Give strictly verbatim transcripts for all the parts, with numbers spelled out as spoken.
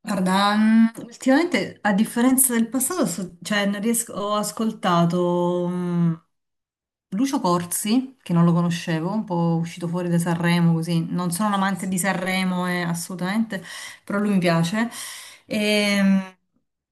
Guarda, mm, ultimamente a differenza del passato, so- cioè, non riesco- ho ascoltato mm, Lucio Corsi, che non lo conoscevo, un po' uscito fuori da Sanremo, così. Non sono un amante di Sanremo, eh, assolutamente, però lui mi piace. E, mm,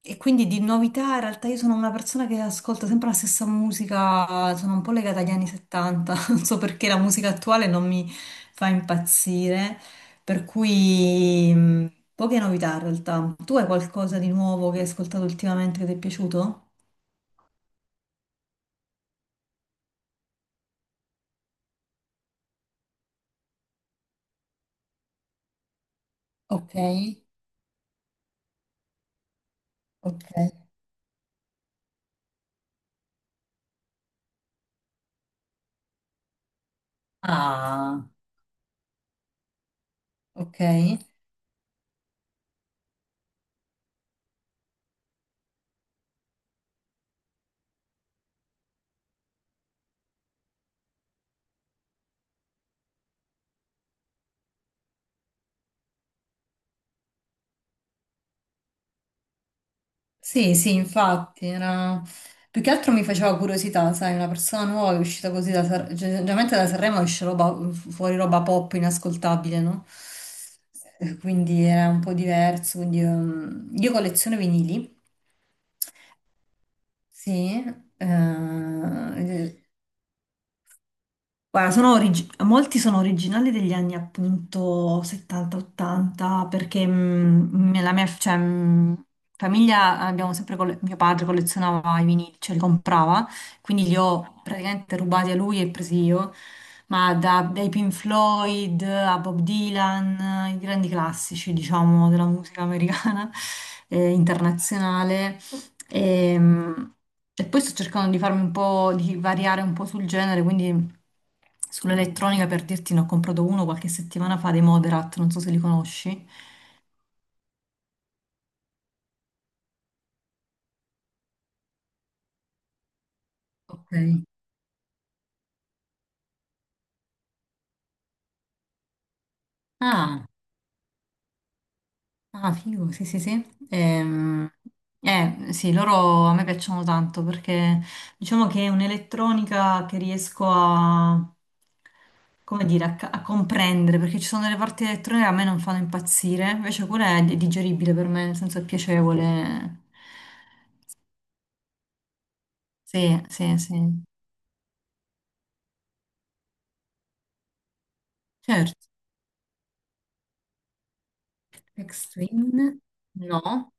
e quindi di novità, in realtà io sono una persona che ascolta sempre la stessa musica, sono un po' legata agli anni settanta, non so perché la musica attuale non mi fa impazzire. Per cui mh, poche novità in realtà. Tu hai qualcosa di nuovo che hai ascoltato ultimamente che ti è piaciuto? Ok, ok. Ah, ok. Sì, sì, infatti, era... più che altro mi faceva curiosità, sai, una persona nuova che è uscita così da Sanremo, generalmente da Sanremo esce roba, fu- fuori roba pop inascoltabile, no? Eh, Quindi era un po' diverso, quindi ehm, io colleziono vinili. Sì. eh, Guarda, sono origi- molti sono originali degli anni appunto settanta ottanta perché mm, nella mia cioè, mm, famiglia abbiamo sempre colle- mio padre collezionava i vinili, cioè li comprava, quindi li ho praticamente rubati a lui e presi io, ma da- dai Pink Floyd a Bob Dylan, i grandi classici diciamo della musica americana e internazionale. Ehm, E, poi sto cercando di farmi un po', di variare un po' sul genere, quindi sull'elettronica per dirti ne ho comprato uno qualche settimana fa dei Moderat, non so se li conosci. Ok. Ah, Ah, figo, sì, sì, sì. Ehm, eh, sì, loro a me piacciono tanto perché diciamo che è un'elettronica che riesco a, come dire, a, ca- a comprendere, perché ci sono delle parti elettroniche che a me non fanno impazzire, invece quella è di- digeribile per me, nel senso è piacevole. Sì, sì, sì. Certo. Extreme? No,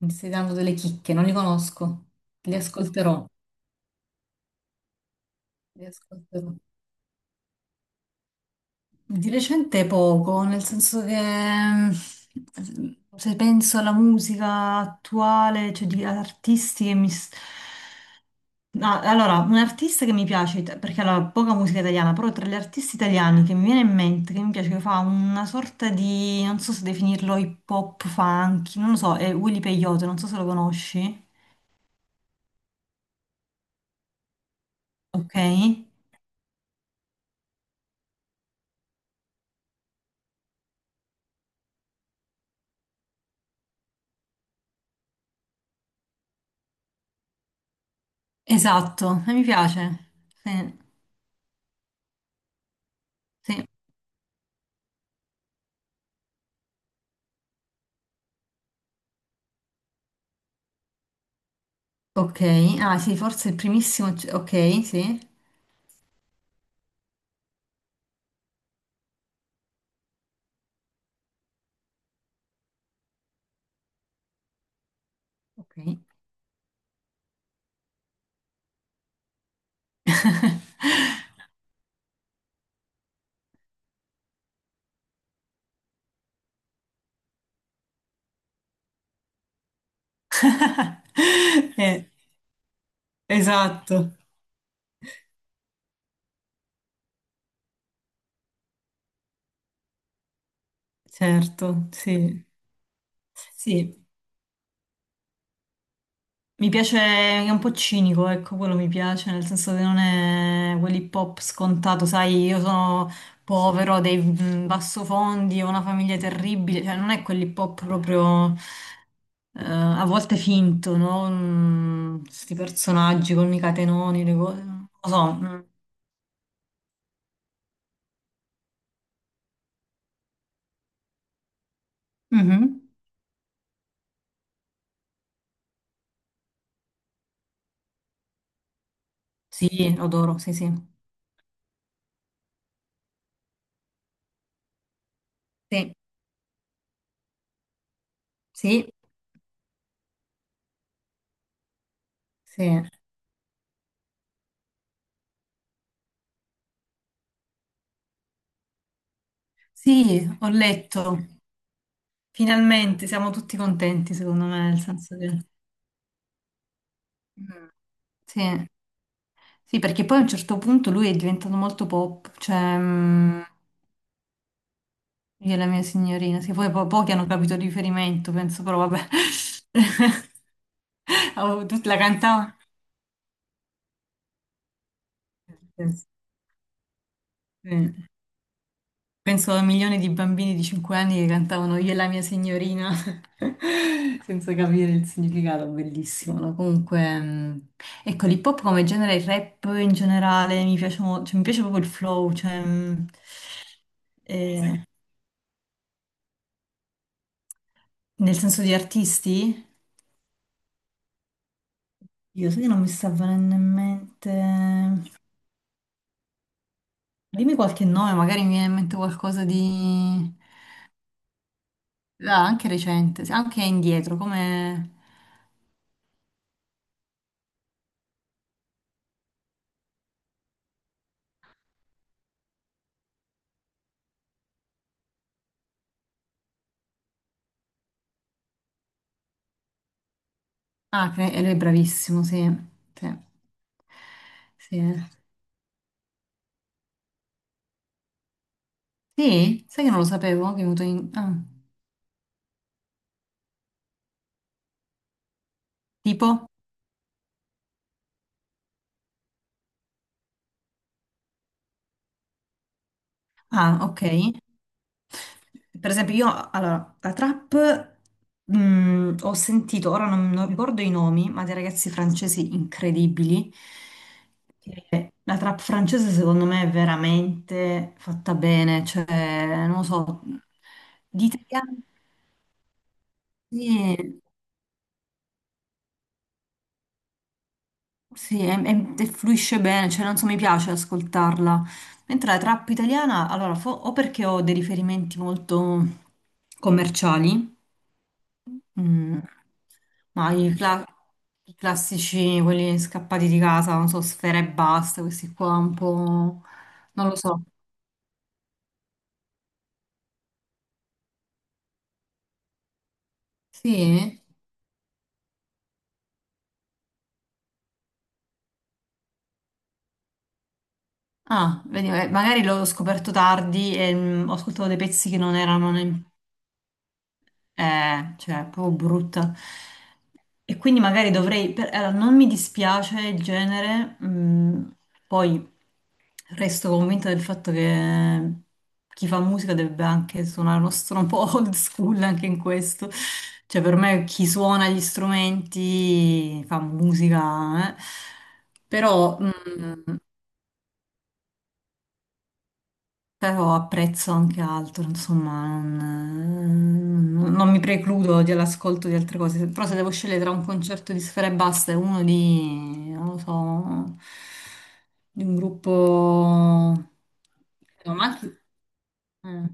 mi stai dando delle chicche, non li conosco. Li ascolterò, li ascolterò. Di recente poco, nel senso che mm, se penso alla musica attuale, cioè di artisti che mi... s- Ah, allora, un artista che mi piace, it- perché allora, poca musica italiana, però tra gli artisti italiani che mi viene in mente, che mi piace, che fa una sorta di, non so se definirlo hip hop, funky, non lo so, è Willy Peyote, non so se lo conosci. Ok, esatto, e mi piace. Sì, sì. Ok, ah sì, forse il primissimo, ok, sì. Ok. Eh, esatto, certo, sì. Sì, mi piace, è un po' cinico, ecco, quello mi piace, nel senso che non è quell'hip hop scontato, sai, io sono povero, ho dei mm, bassofondi, ho una famiglia terribile, cioè non è quell'hip hop proprio eh, a volte finto, no? Mm, Questi personaggi con i catenoni, le cose, non lo so. Mm. Mhm. Sì, lo adoro, sì, sì. Sì, sì, sì. Sì, ho letto. Finalmente siamo tutti contenti, secondo me, nel senso che... Mm. Sì, sì, perché poi a un certo punto lui è diventato molto pop, cioè mm, io e la mia signorina, sì, poi po- pochi hanno capito il riferimento, penso, però vabbè. Oh, tu la cantava? Sì. Penso a milioni di bambini di cinque anni che cantavano Io e la mia signorina senza capire il significato, bellissimo, no? Comunque, mh, ecco, l'hip hop come genere, il rap in generale, mi piace, mo- cioè, mi piace proprio il flow, cioè, mh, eh, nel senso di artisti, io so che non mi sta venendo in mente, dimmi qualche nome, magari mi viene in mente qualcosa di... Ah, anche recente, sì, anche indietro, come... Ah, che- e lui è bravissimo, sì. Sì. Sì. eh. Sì? Sai che non lo sapevo che è venuto in... ah, tipo? Ah, ok. Per esempio, io, allora, la trap mh, ho sentito, ora non, non ricordo i nomi, ma dei ragazzi francesi incredibili. Che La trap francese secondo me è veramente fatta bene, cioè, non lo so, di italiani... Sì, Sì, e, e- e fluisce bene, cioè non so, mi piace ascoltarla. Mentre la trap italiana, allora, fo- o perché ho dei riferimenti molto commerciali, mm, ma i, cla- i classici, quelli scappati di casa, non so, Sfera e Basta, questi qua un po'... non lo so. Sì? Ah, vedi, eh, magari l'ho scoperto tardi e mm, ho ascoltato dei pezzi che non erano ne- Eh, cioè, è proprio brutta. E quindi magari dovrei... per- allora, non mi dispiace il genere, mm, poi resto convinta del fatto che chi fa musica dovrebbe anche suonare uno strumento un po' old school anche in questo. Cioè, per me chi suona gli strumenti fa musica, eh. Però... mm, Però apprezzo anche altro, insomma, non, non- non mi precludo dell'ascolto di altre cose. Però se devo scegliere tra un concerto di Sfera Ebbasta e uno di, non lo so, di un gruppo... No, ma anche- mm,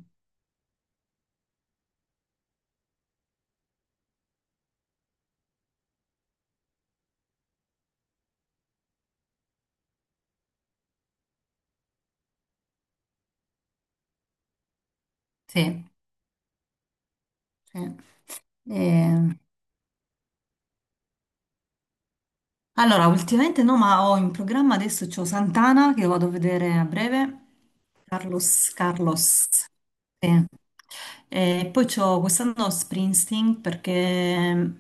sì, sì. Eh, allora, ultimamente no, ma ho in programma adesso c'ho Santana che vado a vedere a breve. Carlos, Carlos. Sì. E poi c'ho quest'anno Springsteen perché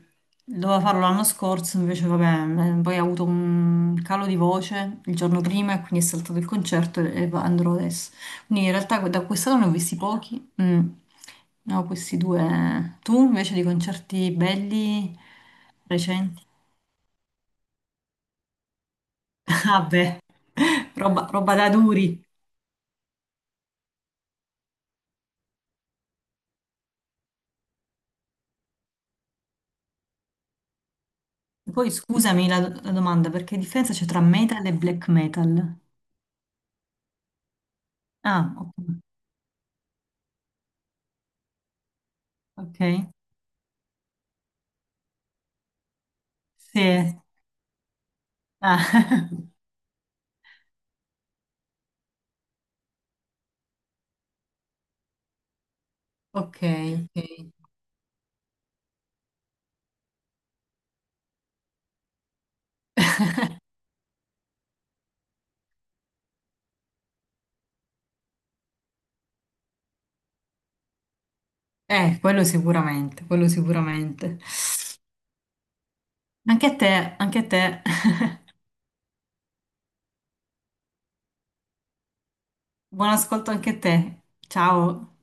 dovevo farlo l'anno scorso, invece vabbè, eh, poi ho avuto un calo di voce il giorno prima e quindi è saltato il concerto e e va- andrò adesso. Quindi in realtà da quest'anno ne ho visti pochi, mm, ne ho questi due. Tu invece di concerti belli recenti? Vabbè, roba, roba da duri. Poi scusami la, la domanda, perché differenza c'è tra metal e black metal? Ah, ok. Ok. Sì, Ah, ok, ok. Eh, quello sicuramente, quello sicuramente. Anche a te, anche a te. Buon ascolto anche a te. Ciao.